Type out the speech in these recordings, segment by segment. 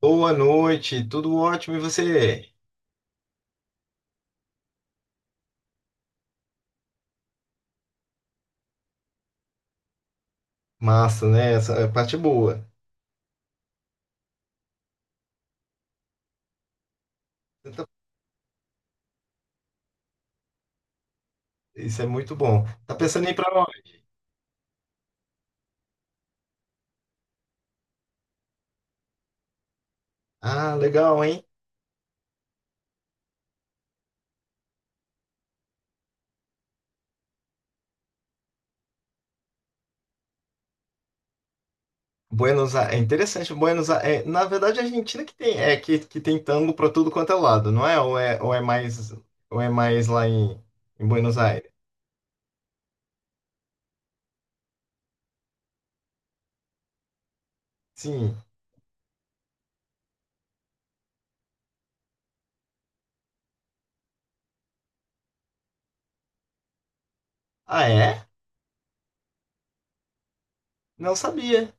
Boa noite, tudo ótimo e você? Massa, né? Essa é a parte, é boa. Você tá- Isso é muito bom. Tá pensando em ir pra onde? Ah, legal, hein? Buenos Aires, é interessante. Buenos Aires, na verdade a Argentina que tem, é que tem tango pra tudo quanto é lado, não é? Ou é mais lá em Buenos Aires? Sim. Ah, é? Não sabia.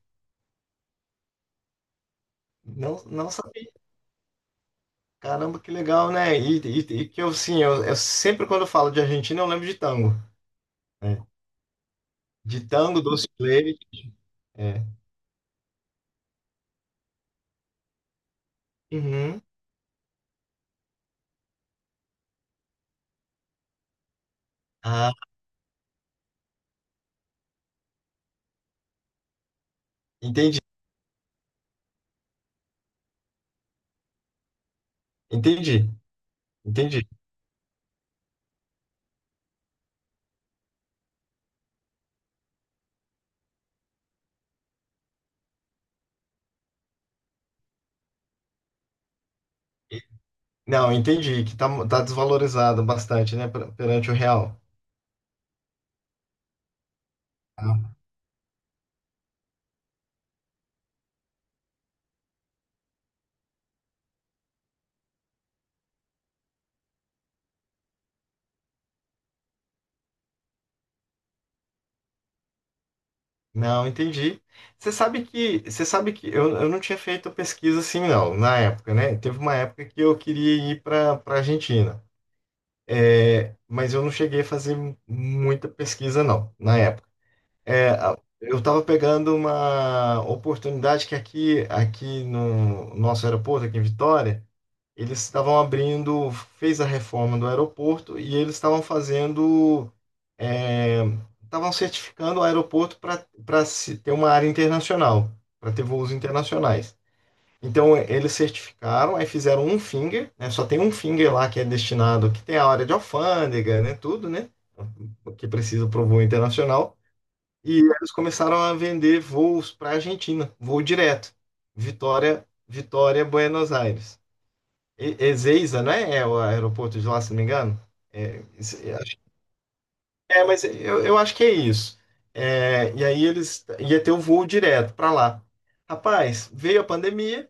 Não, não sabia. Caramba, que legal, né? E que eu, sim, eu sempre quando eu falo de Argentina eu lembro de tango, né? De tango, doce de leite. É. Uhum. Ah, entendi, entendi, entendi. Não, entendi que tá desvalorizado bastante, né, perante o real. Ah, não, entendi. Você sabe que eu não tinha feito pesquisa assim, não, na época, né? Teve uma época que eu queria ir para Argentina, mas eu não cheguei a fazer muita pesquisa, não, na época. É, eu estava pegando uma oportunidade que aqui no nosso aeroporto, aqui em Vitória. Eles estavam abrindo, fez a reforma do aeroporto e eles estavam fazendo, é, estavam certificando o aeroporto para ter uma área internacional, para ter voos internacionais. Então eles certificaram, aí fizeram um finger, né? Só tem um finger lá que é destinado, que tem a área de alfândega, né? Tudo, né? O que precisa para o voo internacional. E eles começaram a vender voos para a Argentina, voo direto, Vitória, Buenos Aires. Ezeiza, né? É o aeroporto de lá, se não me engano. É, mas eu acho que é isso. É, e aí eles ia ter o voo direto para lá. Rapaz, veio a pandemia,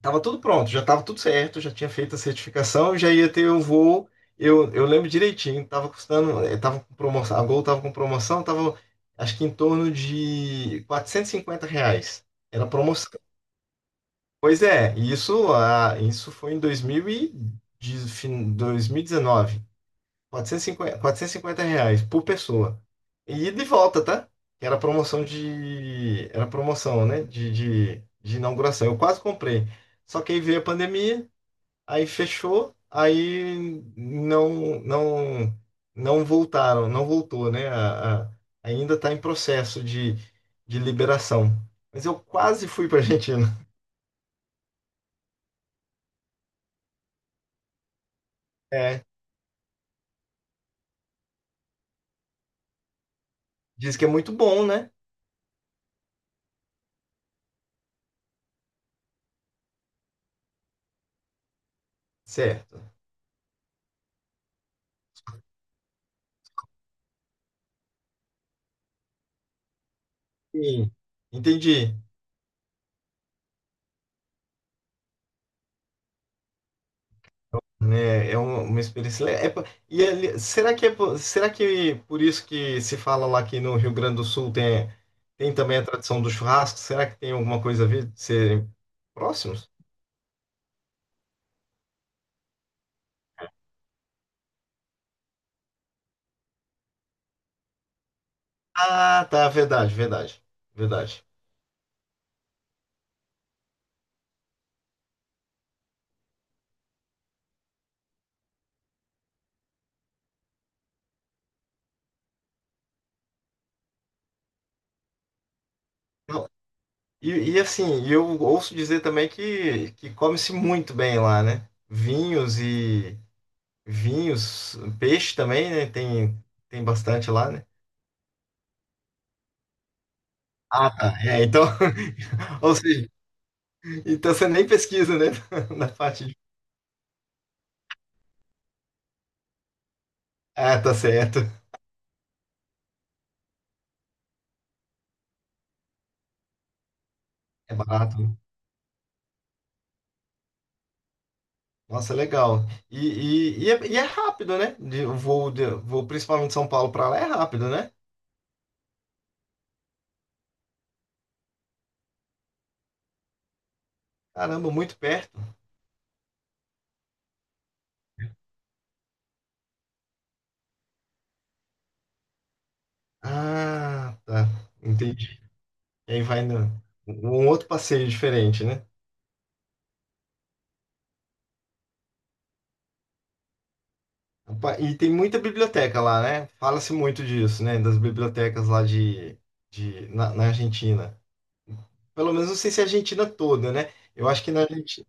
tava tudo pronto, já tava tudo certo, já tinha feito a certificação, já ia ter o voo. Eu lembro direitinho, tava custando, tava com promoção, a Gol tava com promoção, tava acho que em torno de R$ 450. Era promoção. Pois é, isso, ah, isso foi em 2019. Quatrocentos e cinquenta reais por pessoa. E de volta, tá? Que Era promoção de. Era promoção, né? De inauguração. Eu quase comprei. Só que aí veio a pandemia, aí fechou, aí não voltaram, não voltou, né? Ainda está em processo de liberação. Mas eu quase fui para Argentina. É, diz que é muito bom, né? Certo. Sim. Entendi. Né? É uma experiência. Será que por isso que se fala lá que no Rio Grande do Sul tem também a tradição do churrasco? Será que tem alguma coisa a ver de serem próximos? Ah, tá, verdade, verdade, verdade. Não, E, e assim, eu ouço dizer também que come-se muito bem lá, né? Vinhos, peixe também, né? Tem bastante lá, né? Ah, tá. É, então, ou seja, então você nem pesquisa, né? Na parte de. Ah, tá certo. É barato, né? Nossa, é legal. E é rápido, né? De, o voo, de, voo principalmente de São Paulo para lá é rápido, né? Caramba, muito perto. Ah, tá. Entendi. E aí vai no, um outro passeio diferente, né? Opa, e tem muita biblioteca lá, né? Fala-se muito disso, né? Das bibliotecas lá de, na na Argentina. Pelo menos não sei se é a Argentina toda, né? Eu acho que na Argentina.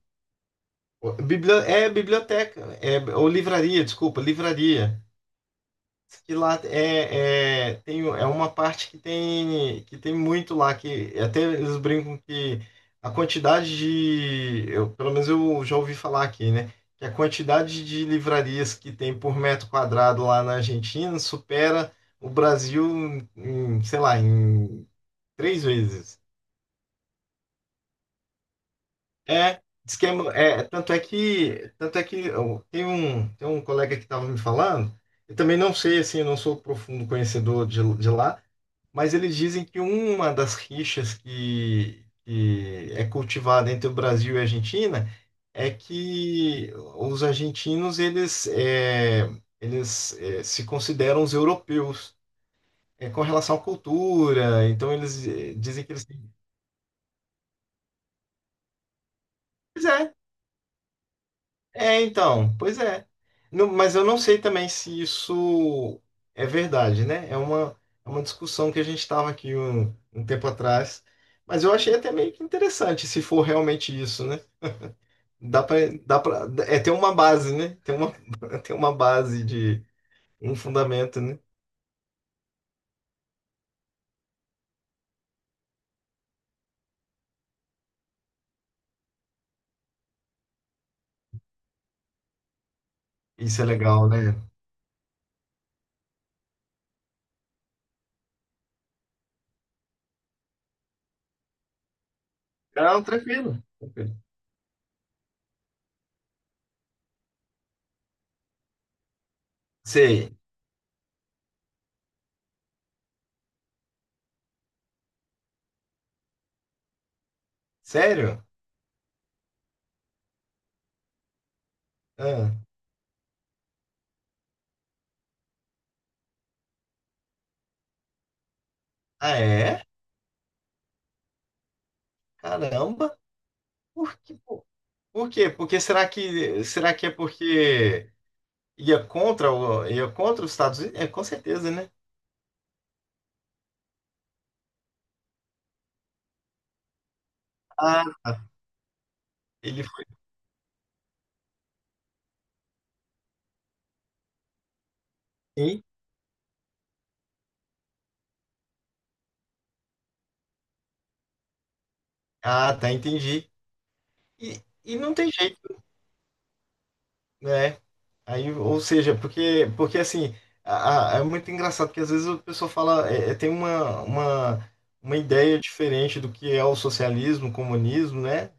É biblioteca, ou livraria, desculpa, livraria. Que lá é, tem, é uma parte que tem, muito lá, que até eles brincam que a quantidade de, eu, pelo menos eu já ouvi falar aqui, né? Que a quantidade de livrarias que tem por metro quadrado lá na Argentina supera o Brasil sei lá, em três vezes. É, diz que é, tanto é que tem um colega que estava me falando, eu também não sei, assim, eu não sou profundo conhecedor de lá, mas eles dizem que uma das rixas que é cultivada entre o Brasil e a Argentina é que os argentinos, eles se consideram os europeus, com relação à cultura, então eles dizem que eles. É, É, então, pois é. Mas eu não sei também se isso é verdade, né? É uma discussão que a gente estava aqui um tempo atrás. Mas eu achei até meio que interessante se for realmente isso, né? Dá para ter uma base, né? Tem uma, tem uma base de um fundamento, né? Isso é legal, né? Não, tranquilo. Tranquilo. Sei. Sério? Ah, ah, é? Caramba. Por que, por por quê? Porque será que é porque ia contra os Estados Unidos? É, com certeza, né? Ah, tá. Ele foi. Sim. Ah, tá, entendi. E não tem jeito, né? Aí, ou seja, porque assim, é muito engraçado que às vezes a pessoa fala, tem uma ideia diferente do que é o socialismo, o comunismo, né?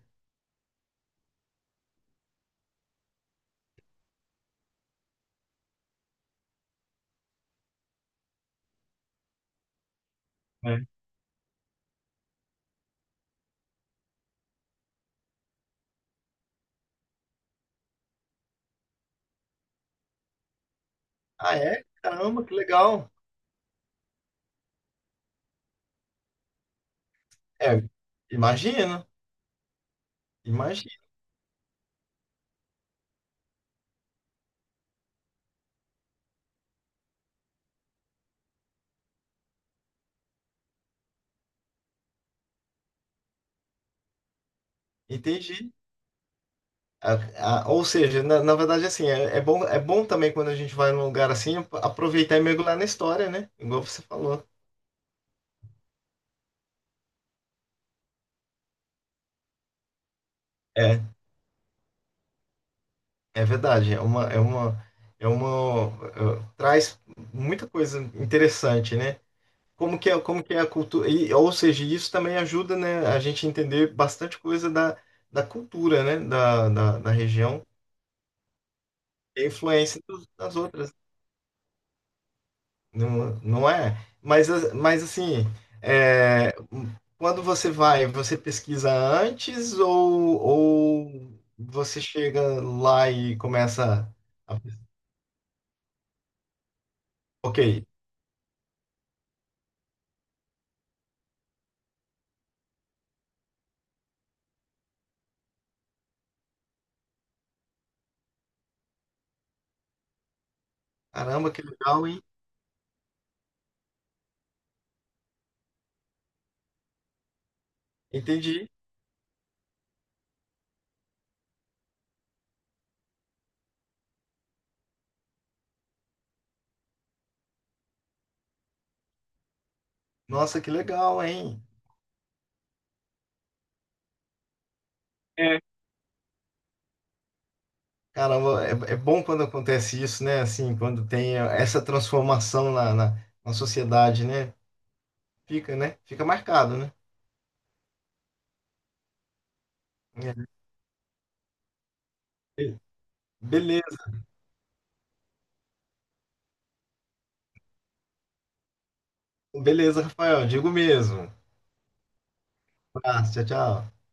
É. Ah, é? Caramba, que legal. É, imagina, imagina, entendi. Ou seja, na verdade, assim, é bom, é bom também quando a gente vai num lugar assim, aproveitar e mergulhar na história, né? Igual você falou. É, é verdade. É uma, traz muita coisa interessante, né? Como que é a cultura, e, ou seja, isso também ajuda, né, a gente entender bastante coisa da, da, cultura, né, da região, e a influência das outras. Não, não é? Mas assim, é, quando você vai, você pesquisa antes ou você chega lá e começa a. Ok, caramba, que legal, hein? Entendi. Nossa, que legal, hein? É, caramba, é bom quando acontece isso, né? Assim, quando tem essa transformação na sociedade, né? Fica, né? Fica marcado, né? É. Beleza, beleza, Rafael. Digo mesmo. Um abraço, tchau, tchau.